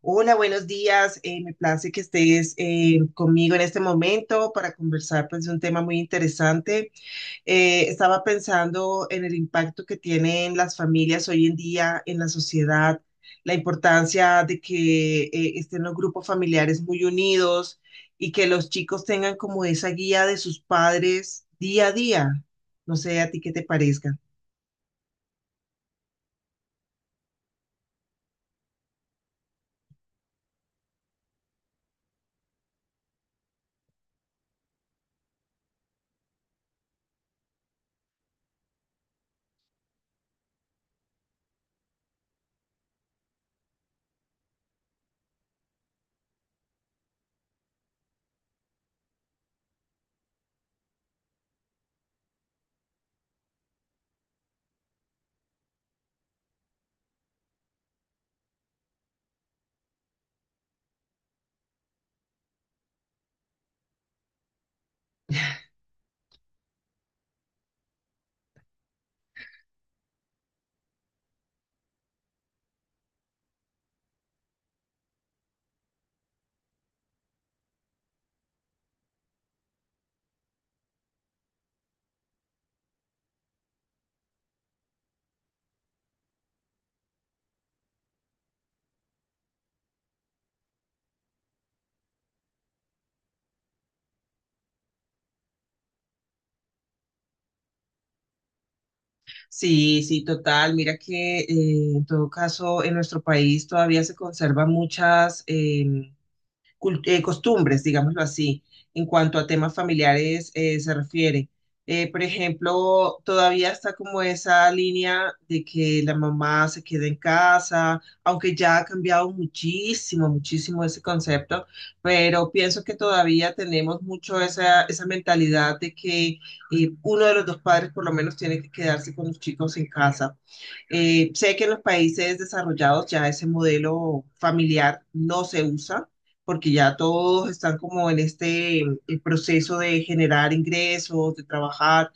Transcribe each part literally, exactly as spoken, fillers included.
Hola, buenos días. Eh, me place que estés eh, conmigo en este momento para conversar, pues, de un tema muy interesante. Eh, estaba pensando en el impacto que tienen las familias hoy en día en la sociedad, la importancia de que eh, estén los grupos familiares muy unidos y que los chicos tengan como esa guía de sus padres día a día. No sé a ti qué te parezca. Sí, sí, total. Mira que eh, en todo caso en nuestro país todavía se conservan muchas em, cul- eh, costumbres, digámoslo así, en cuanto a temas familiares eh, se refiere. Eh, por ejemplo, todavía está como esa línea de que la mamá se quede en casa, aunque ya ha cambiado muchísimo, muchísimo ese concepto, pero pienso que todavía tenemos mucho esa, esa mentalidad de que eh, uno de los dos padres por lo menos tiene que quedarse con los chicos en casa. Eh, sé que en los países desarrollados ya ese modelo familiar no se usa, porque ya todos están como en este mm, el proceso de generar ingresos, de trabajar,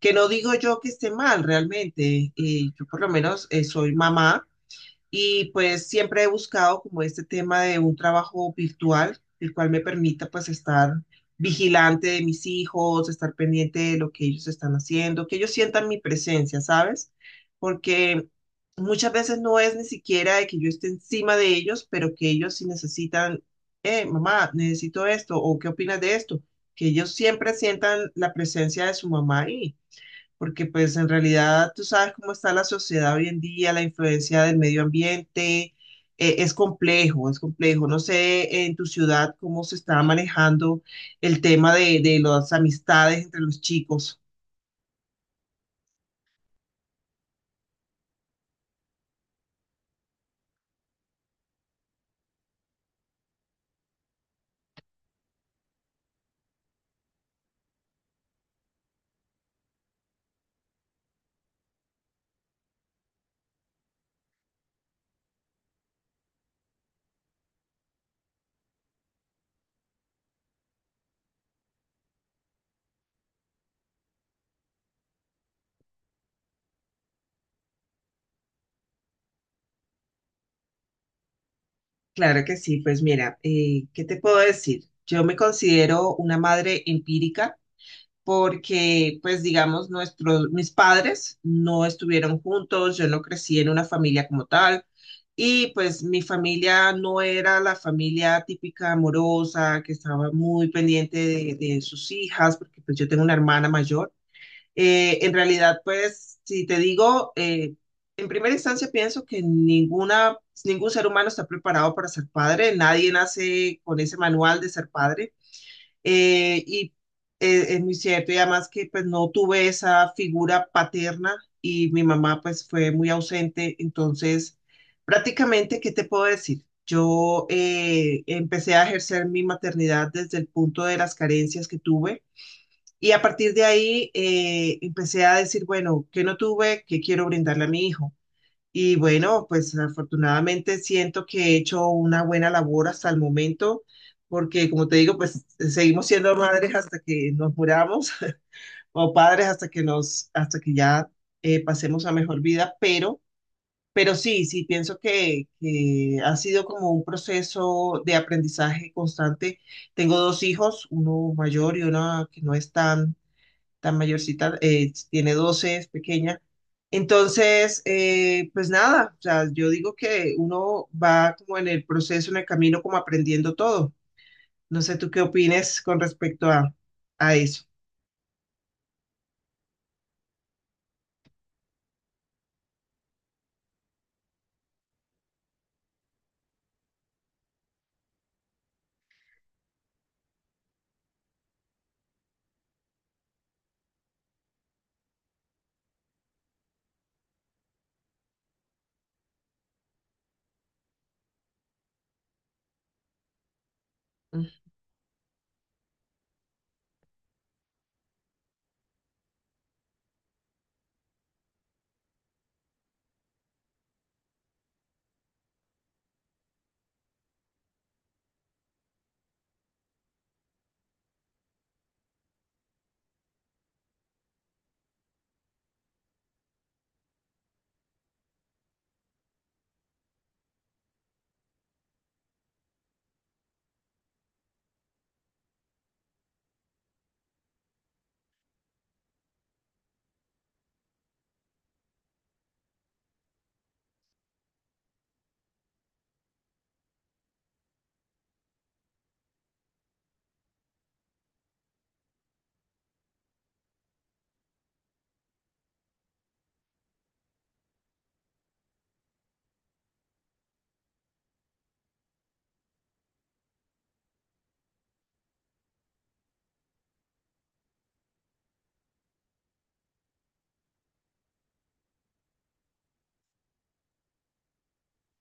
que no digo yo que esté mal realmente. Eh, yo por lo menos, eh, soy mamá y pues siempre he buscado como este tema de un trabajo virtual, el cual me permita pues estar vigilante de mis hijos, estar pendiente de lo que ellos están haciendo, que ellos sientan mi presencia, ¿sabes? Porque muchas veces no es ni siquiera de que yo esté encima de ellos, pero que ellos sí necesitan, eh, mamá, necesito esto, o qué opinas de esto, que ellos siempre sientan la presencia de su mamá ahí, porque pues en realidad tú sabes cómo está la sociedad hoy en día, la influencia del medio ambiente. Eh, es complejo, es complejo. No sé en tu ciudad cómo se está manejando el tema de, de las amistades entre los chicos. Claro que sí. Pues mira, eh, ¿qué te puedo decir? Yo me considero una madre empírica, porque, pues, digamos, nuestros, mis padres no estuvieron juntos, yo no crecí en una familia como tal, y pues mi familia no era la familia típica amorosa, que estaba muy pendiente de, de sus hijas, porque pues yo tengo una hermana mayor. Eh, en realidad, pues, si te digo, eh, en primera instancia pienso que ninguna, ningún ser humano está preparado para ser padre, nadie nace con ese manual de ser padre. Eh, y eh, es muy cierto, y además que pues no tuve esa figura paterna y mi mamá pues fue muy ausente, entonces prácticamente, ¿qué te puedo decir? Yo eh, empecé a ejercer mi maternidad desde el punto de las carencias que tuve, y a partir de ahí eh, empecé a decir, bueno, ¿qué no tuve? ¿Qué quiero brindarle a mi hijo? Y bueno, pues afortunadamente siento que he hecho una buena labor hasta el momento, porque como te digo, pues seguimos siendo madres hasta que nos muramos o padres hasta que nos, hasta que ya eh, pasemos a mejor vida, pero, pero sí, sí pienso que, que ha sido como un proceso de aprendizaje constante. Tengo dos hijos, uno mayor y una que no es tan tan mayorcita. Eh, tiene doce, es pequeña. Entonces, eh, pues nada, o sea, yo digo que uno va como en el proceso, en el camino, como aprendiendo todo. No sé tú qué opines con respecto a, a eso. Mm.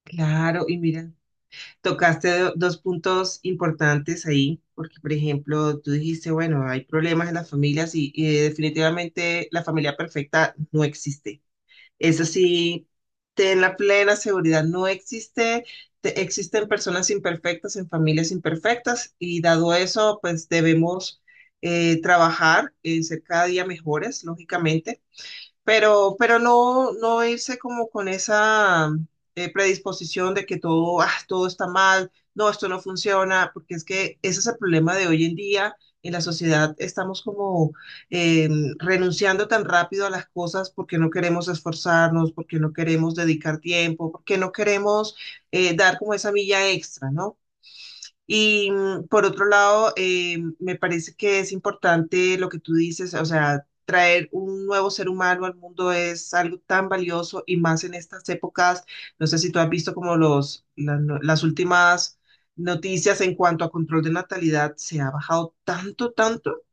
Claro, y mira, tocaste do- dos puntos importantes ahí, porque por ejemplo, tú dijiste, bueno, hay problemas en las familias y, y definitivamente la familia perfecta no existe. Es así, ten la plena seguridad. No existe, te- existen personas imperfectas en familias imperfectas, y dado eso, pues debemos eh, trabajar en ser cada día mejores, lógicamente, pero, pero no, no irse como con esa eh, predisposición de que todo, ah, todo está mal, no, esto no funciona, porque es que ese es el problema de hoy en día. En la sociedad estamos como eh, renunciando tan rápido a las cosas porque no queremos esforzarnos, porque no queremos dedicar tiempo, porque no queremos eh, dar como esa milla extra, ¿no? Y mm, por otro lado, eh, me parece que es importante lo que tú dices, o sea, traer un nuevo ser humano al mundo es algo tan valioso y más en estas épocas. No sé si tú has visto como los, la- no- las últimas noticias en cuanto a control de natalidad, se ha bajado tanto, tanto.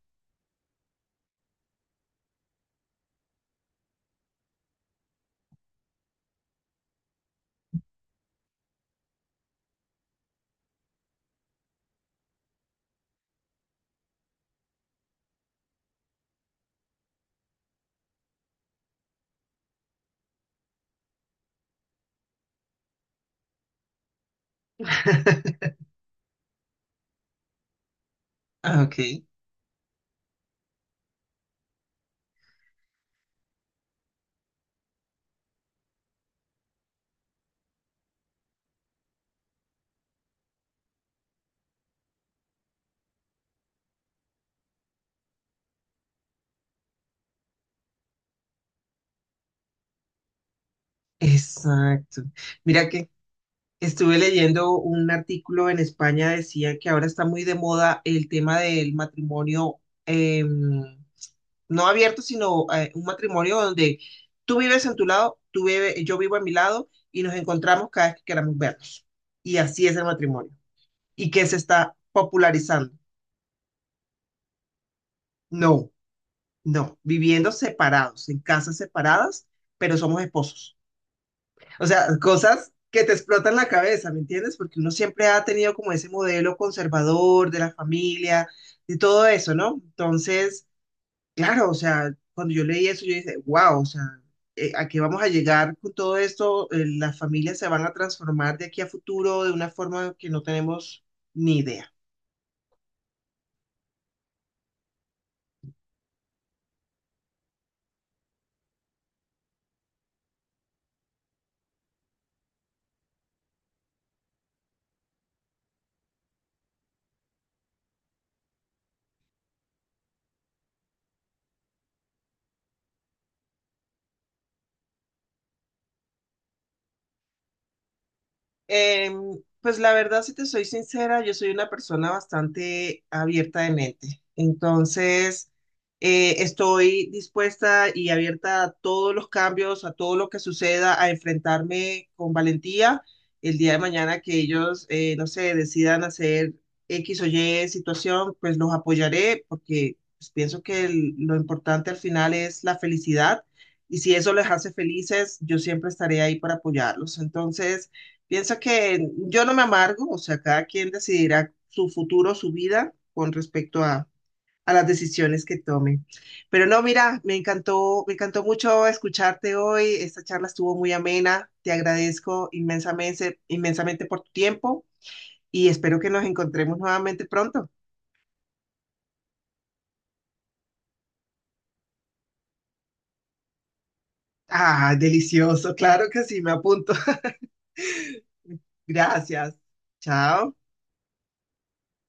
Ah, ok, exacto. Mira que estuve leyendo un artículo en España, decía que ahora está muy de moda el tema del matrimonio. em, no abierto, sino, eh, un matrimonio donde tú vives en tu lado, tú vive- yo vivo a mi lado y nos encontramos cada vez que queramos vernos. Y así es el matrimonio. ¿Y qué se está popularizando? No, no, viviendo separados, en casas separadas, pero somos esposos. O sea, cosas que te explotan la cabeza, ¿me entiendes? Porque uno siempre ha tenido como ese modelo conservador de la familia, de todo eso, ¿no? Entonces... Claro, o sea, cuando yo leí eso, yo dije, wow, o sea, eh, ¿a qué vamos a llegar con todo esto? Eh, las familias se van a transformar de aquí a futuro de una forma que no tenemos ni idea. Em, pues la verdad, si te soy sincera, yo soy una persona bastante abierta de mente. Entonces, eh, estoy dispuesta y abierta a todos los cambios, a todo lo que suceda, a enfrentarme con valentía el día de mañana que ellos, eh, no sé, decidan hacer X o Y situación, pues los apoyaré porque pues, pienso que el- lo importante al final es la felicidad, y si eso les hace felices, yo siempre estaré ahí para apoyarlos. Entonces... Pienso que yo no me amargo, o sea, cada quien decidirá su futuro, su vida con respecto a, a las decisiones que tome. Pero no, mira, me encantó, me encantó mucho escucharte hoy. Esta charla estuvo muy amena. Te agradezco inmensamente, inmensamente por tu tiempo y espero que nos encontremos nuevamente pronto. Ah, delicioso, claro que sí, me apunto. Gracias. Chao.